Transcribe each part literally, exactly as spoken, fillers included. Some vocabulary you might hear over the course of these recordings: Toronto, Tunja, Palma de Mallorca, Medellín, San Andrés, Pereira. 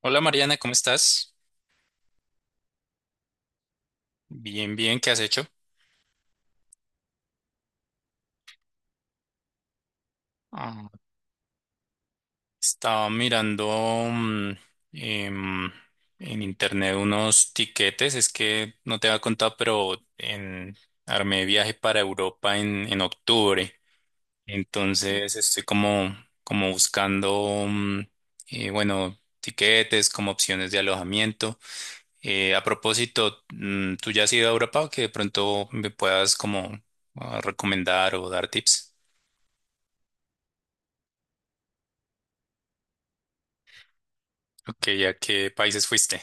Hola Mariana, ¿cómo estás? Bien, bien, ¿qué has hecho? Ah, estaba mirando mm, em, en internet unos tiquetes, es que no te había contado, pero en, armé viaje para Europa en, en octubre. Entonces estoy como, como buscando, mm, eh, bueno, tiquetes como opciones de alojamiento. Eh, a propósito, mm, ¿tú ya has ido a Europa o que de pronto me puedas como ah, recomendar o dar tips? Ok, ¿a qué países fuiste?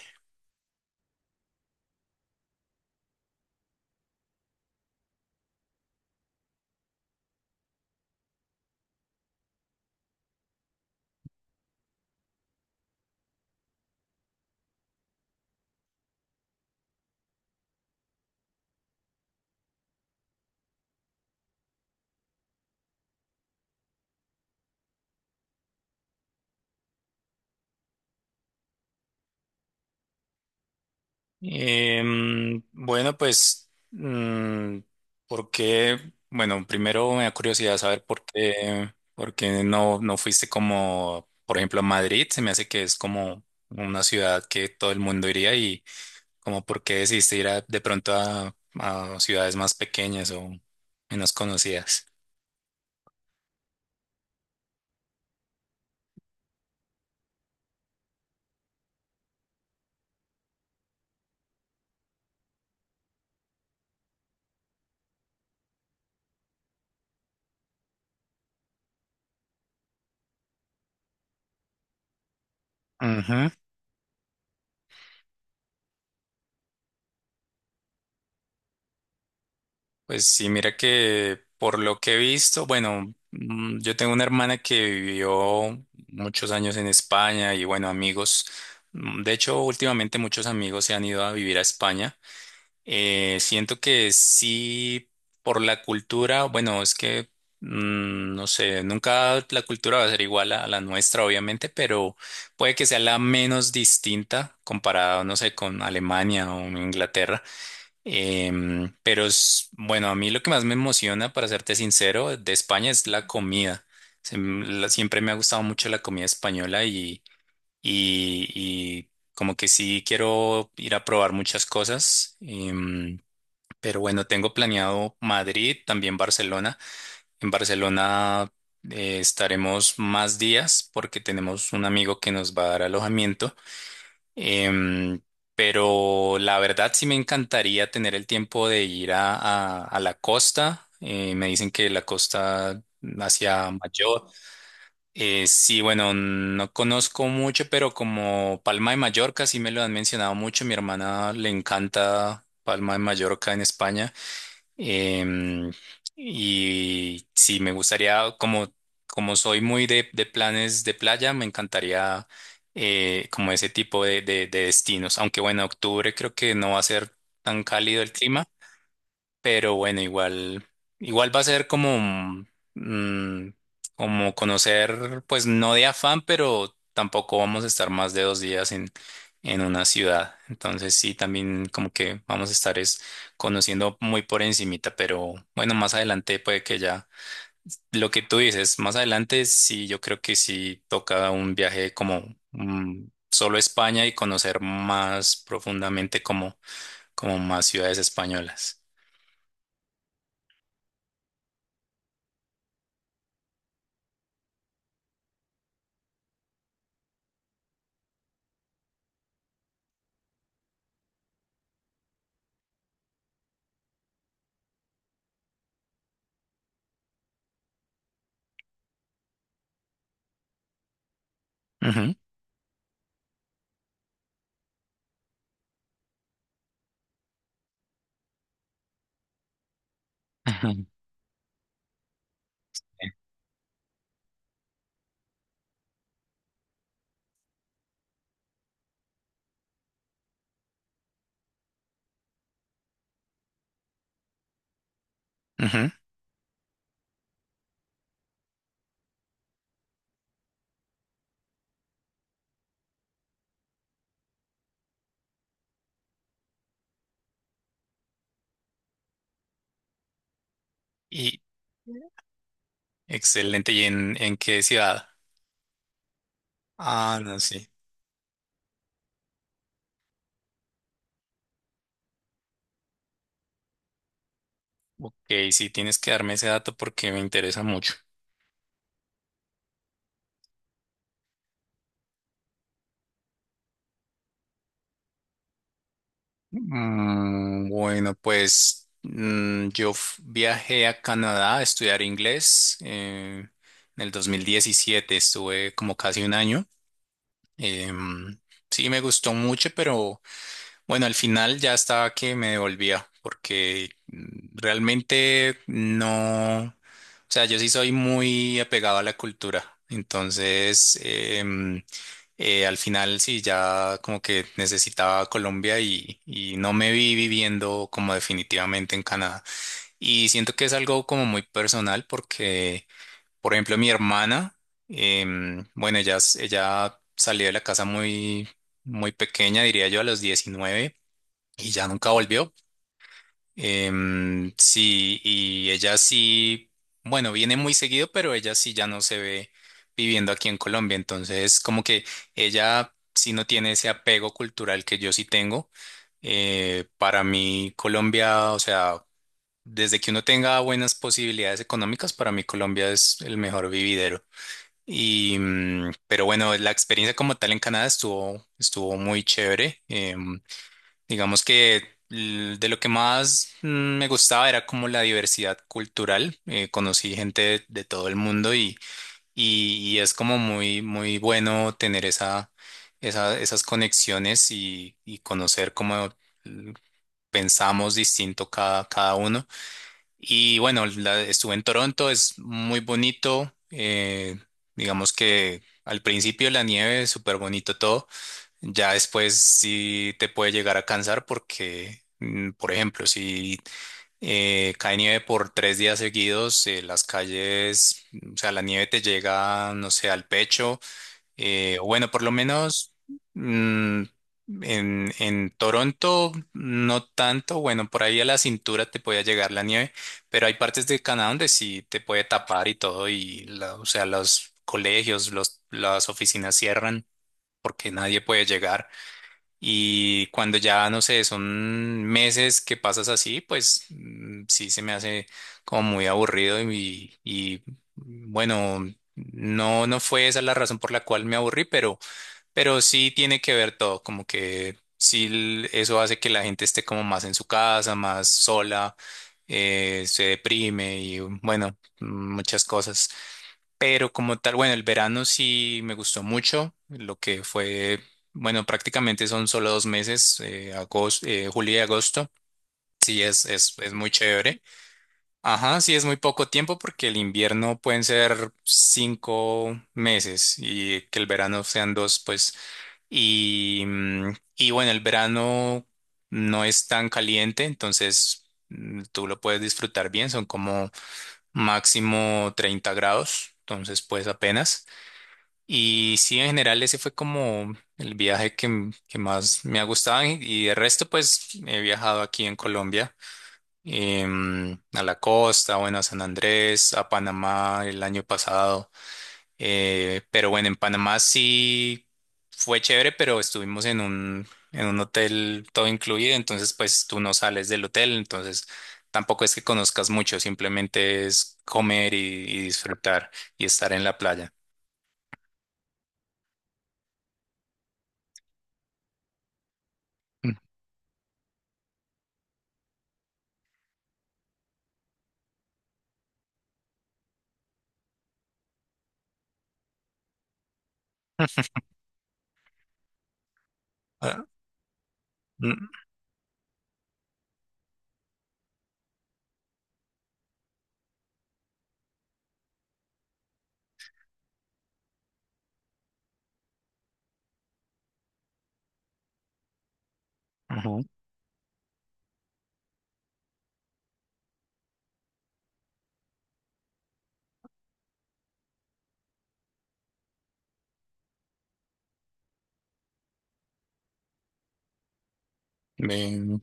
Em, bueno, pues, mm, ¿por qué? Bueno, primero me da curiosidad saber por qué, por qué no, no fuiste como, por ejemplo, a Madrid. Se me hace que es como una ciudad que todo el mundo iría y como por qué decidiste ir a- de pronto a, a ciudades más pequeñas o menos conocidas. Pues sí, mira que por lo que he visto, bueno, mm, yo tengo una hermana que vivió muchos años en España y bueno, amigos, mm, de hecho últimamente muchos amigos se han ido a vivir a España. Eh, siento que sí, por la cultura, bueno, es que mm, no sé, nunca la cultura va a ser igual a, a la nuestra, obviamente, pero puede que sea la menos distinta comparado, no sé, con Alemania o Inglaterra. Em, pero es, bueno, a mí lo que más me emociona, para serte sincero, de España es la comida. Se m- la- Siempre me ha gustado mucho la comida española y, y, y como que sí quiero ir a probar muchas cosas. Em, pero bueno, tengo planeado Madrid, también Barcelona. En Barcelona eh, estaremos más días porque tenemos un amigo que nos va a dar alojamiento. Em, pero la verdad sí me encantaría tener el tiempo de ir a, a- a la costa. Eh, me dicen que la costa hacia Mayor. Eh, sí, bueno, no conozco mucho, pero como Palma de Mallorca sí me lo han mencionado mucho. Mi hermana le encanta Palma de Mallorca en España. Em, y sí, me gustaría, como, como soy muy de, de planes de playa, me encantaría eh, como ese tipo de, de- de destinos. Aunque bueno, octubre creo que no va a ser tan cálido el clima, pero bueno, igual, igual va a ser como, mm, mm, como conocer, pues no de afán, pero tampoco vamos a estar más de dos días en, en una ciudad. Entonces sí, también como que vamos a estar es conociendo muy por encimita, pero bueno, más adelante puede que ya. Lo que tú dices, más adelante sí, yo creo que sí toca un viaje como mm, solo a España y conocer más profundamente como, como más ciudades españolas. Ujú. Ujú. Y excelente. ¿Y en, en qué ciudad? Ah, no sé. Ok, sí, tienes que darme ese dato porque me interesa mucho. Mm, bueno, pues mm, yo f- viajé a Canadá a estudiar inglés. Eh, en el dos mil diecisiete estuve como casi un año. Em, sí, me gustó mucho, pero... Bueno, al final ya estaba que me devolvía, porque mm, realmente no, o sea, yo sí soy muy apegado a la cultura, entonces em, eh, al final sí, ya como que necesitaba Colombia y, y no me vi viviendo como definitivamente en Canadá. Y siento que es algo como muy personal porque, por ejemplo, mi hermana, em, bueno, ella, s- ella salió de la casa muy, muy pequeña, diría yo, a los diecinueve y ya nunca volvió. Em, sí, y ella sí, bueno, viene muy seguido, pero ella sí ya no se ve viviendo aquí en Colombia. Entonces, como que ella sí no tiene ese apego cultural que yo sí tengo. Eh, para mí, Colombia, o sea, desde que uno tenga buenas posibilidades económicas, para mí Colombia es el mejor vividero. Y, mm, pero bueno, la experiencia como tal en Canadá estuvo, estuvo muy chévere. Eh, Digamos que l- de lo que más mm, me gustaba era como la diversidad cultural. Eh, conocí gente de, de todo el mundo y, y, y es como muy, muy bueno tener esa, esa- esas conexiones y, y conocer cómo mm, pensamos distinto cada, cada uno. Y bueno, la- estuve en Toronto, es muy bonito. Eh, digamos que al principio la nieve, súper bonito todo. Ya después sí te puede llegar a cansar porque, mm, por ejemplo, si eh, cae nieve por tres días seguidos, eh, las calles, o sea, la nieve te llega, no sé, al pecho. Eh, o bueno, por lo menos mm, en, en Toronto no tanto, bueno, por ahí a la cintura te puede llegar la nieve, pero hay partes de Canadá donde sí te puede tapar y todo, y la- o sea, los colegios, los, las oficinas cierran porque nadie puede llegar. Y cuando ya, no sé, son meses que pasas así, pues mm, sí se me hace como muy aburrido y, y bueno, no, no fue esa la razón por la cual me aburrí, pero, pero sí tiene que ver todo, como que sí l- eso hace que la gente esté como más en su casa, más sola, eh, se deprime y bueno, muchas cosas. Pero como tal, bueno, el verano sí me gustó mucho, lo que fue, bueno, prácticamente son solo dos meses, eh, agosto, eh, julio y agosto. Sí, es, es, es muy chévere. Ajá, sí, es muy poco tiempo porque el invierno pueden ser cinco meses y que el verano sean dos, pues. Y, mm, y bueno, el verano no es tan caliente, entonces mm, tú lo puedes disfrutar bien, son como máximo treinta grados, entonces pues apenas. Y sí, en general ese fue como el viaje que, m- que más me ha gustado y y de resto pues he viajado aquí en Colombia, em, a la costa, bueno, a San Andrés, a Panamá el año pasado, eh, pero bueno, en Panamá sí fue chévere, pero estuvimos en un, en un hotel todo incluido, entonces pues tú no sales del hotel, entonces tampoco es que conozcas mucho, simplemente es comer y, y disfrutar y estar en la playa. Mm. Ah, mm, ujú. Ven,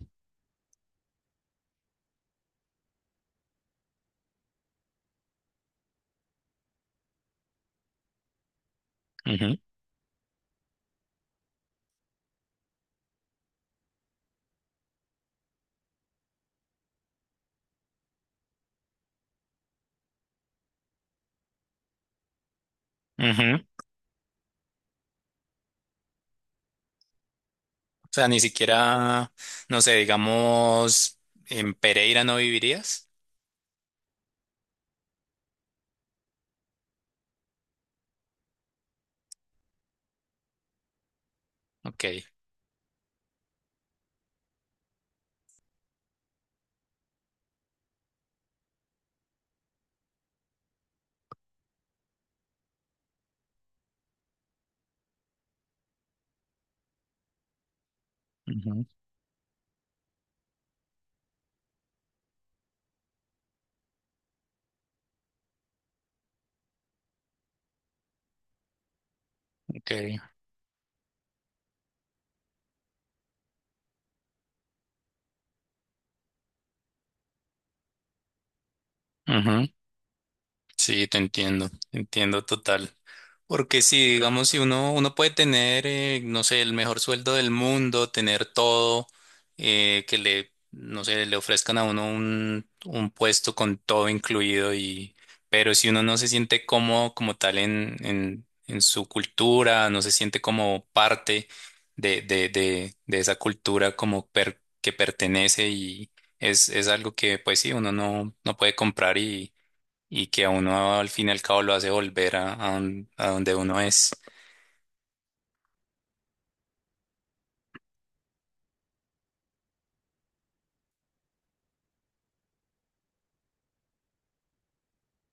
ujú, ujú. O sea, ni siquiera, no sé, digamos, en Pereira no vivirías. Ok, ujú, ok, ujú. Sí, te entiendo, te entiendo total. Porque si, digamos, si uno, uno puede tener, eh, no sé, el mejor sueldo del mundo, tener todo, eh, que le, no sé, le ofrezcan a uno un, un puesto con todo incluido y, pero si uno no se siente cómodo como tal en, en, en su cultura, no se siente como parte de, de, de, de esa cultura como per- que pertenece y es, es algo que, pues sí, uno no, no puede comprar y y que a uno al fin y al cabo lo hace volver a, a don- a donde uno es.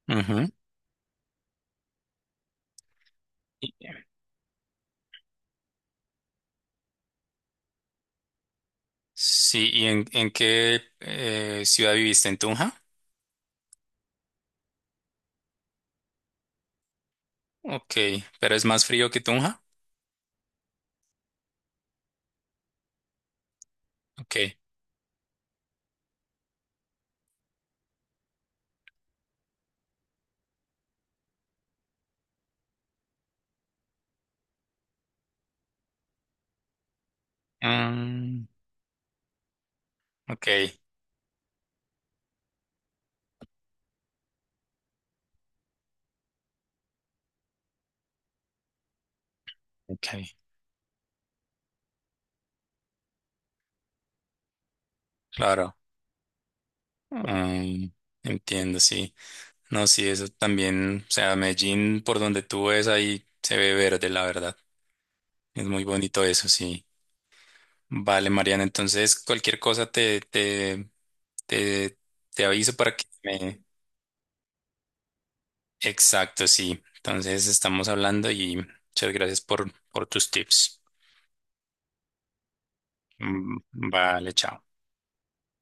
Ujú. Y- Sí, ¿y en, en qué eh, ciudad viviste? ¿En Tunja? Ok, pero es más frío que Tunja. Ok. Mm, ok, ok, claro. Mm, entiendo, sí. No, sí, eso también, o sea, Medellín, por donde tú ves ahí, se ve verde, la verdad. Es muy bonito eso, sí. Vale, Mariana, entonces cualquier cosa te, te, te, te aviso para que me... Exacto, sí. Entonces estamos hablando y muchas gracias por, por tus tips. Mm, vale, chao.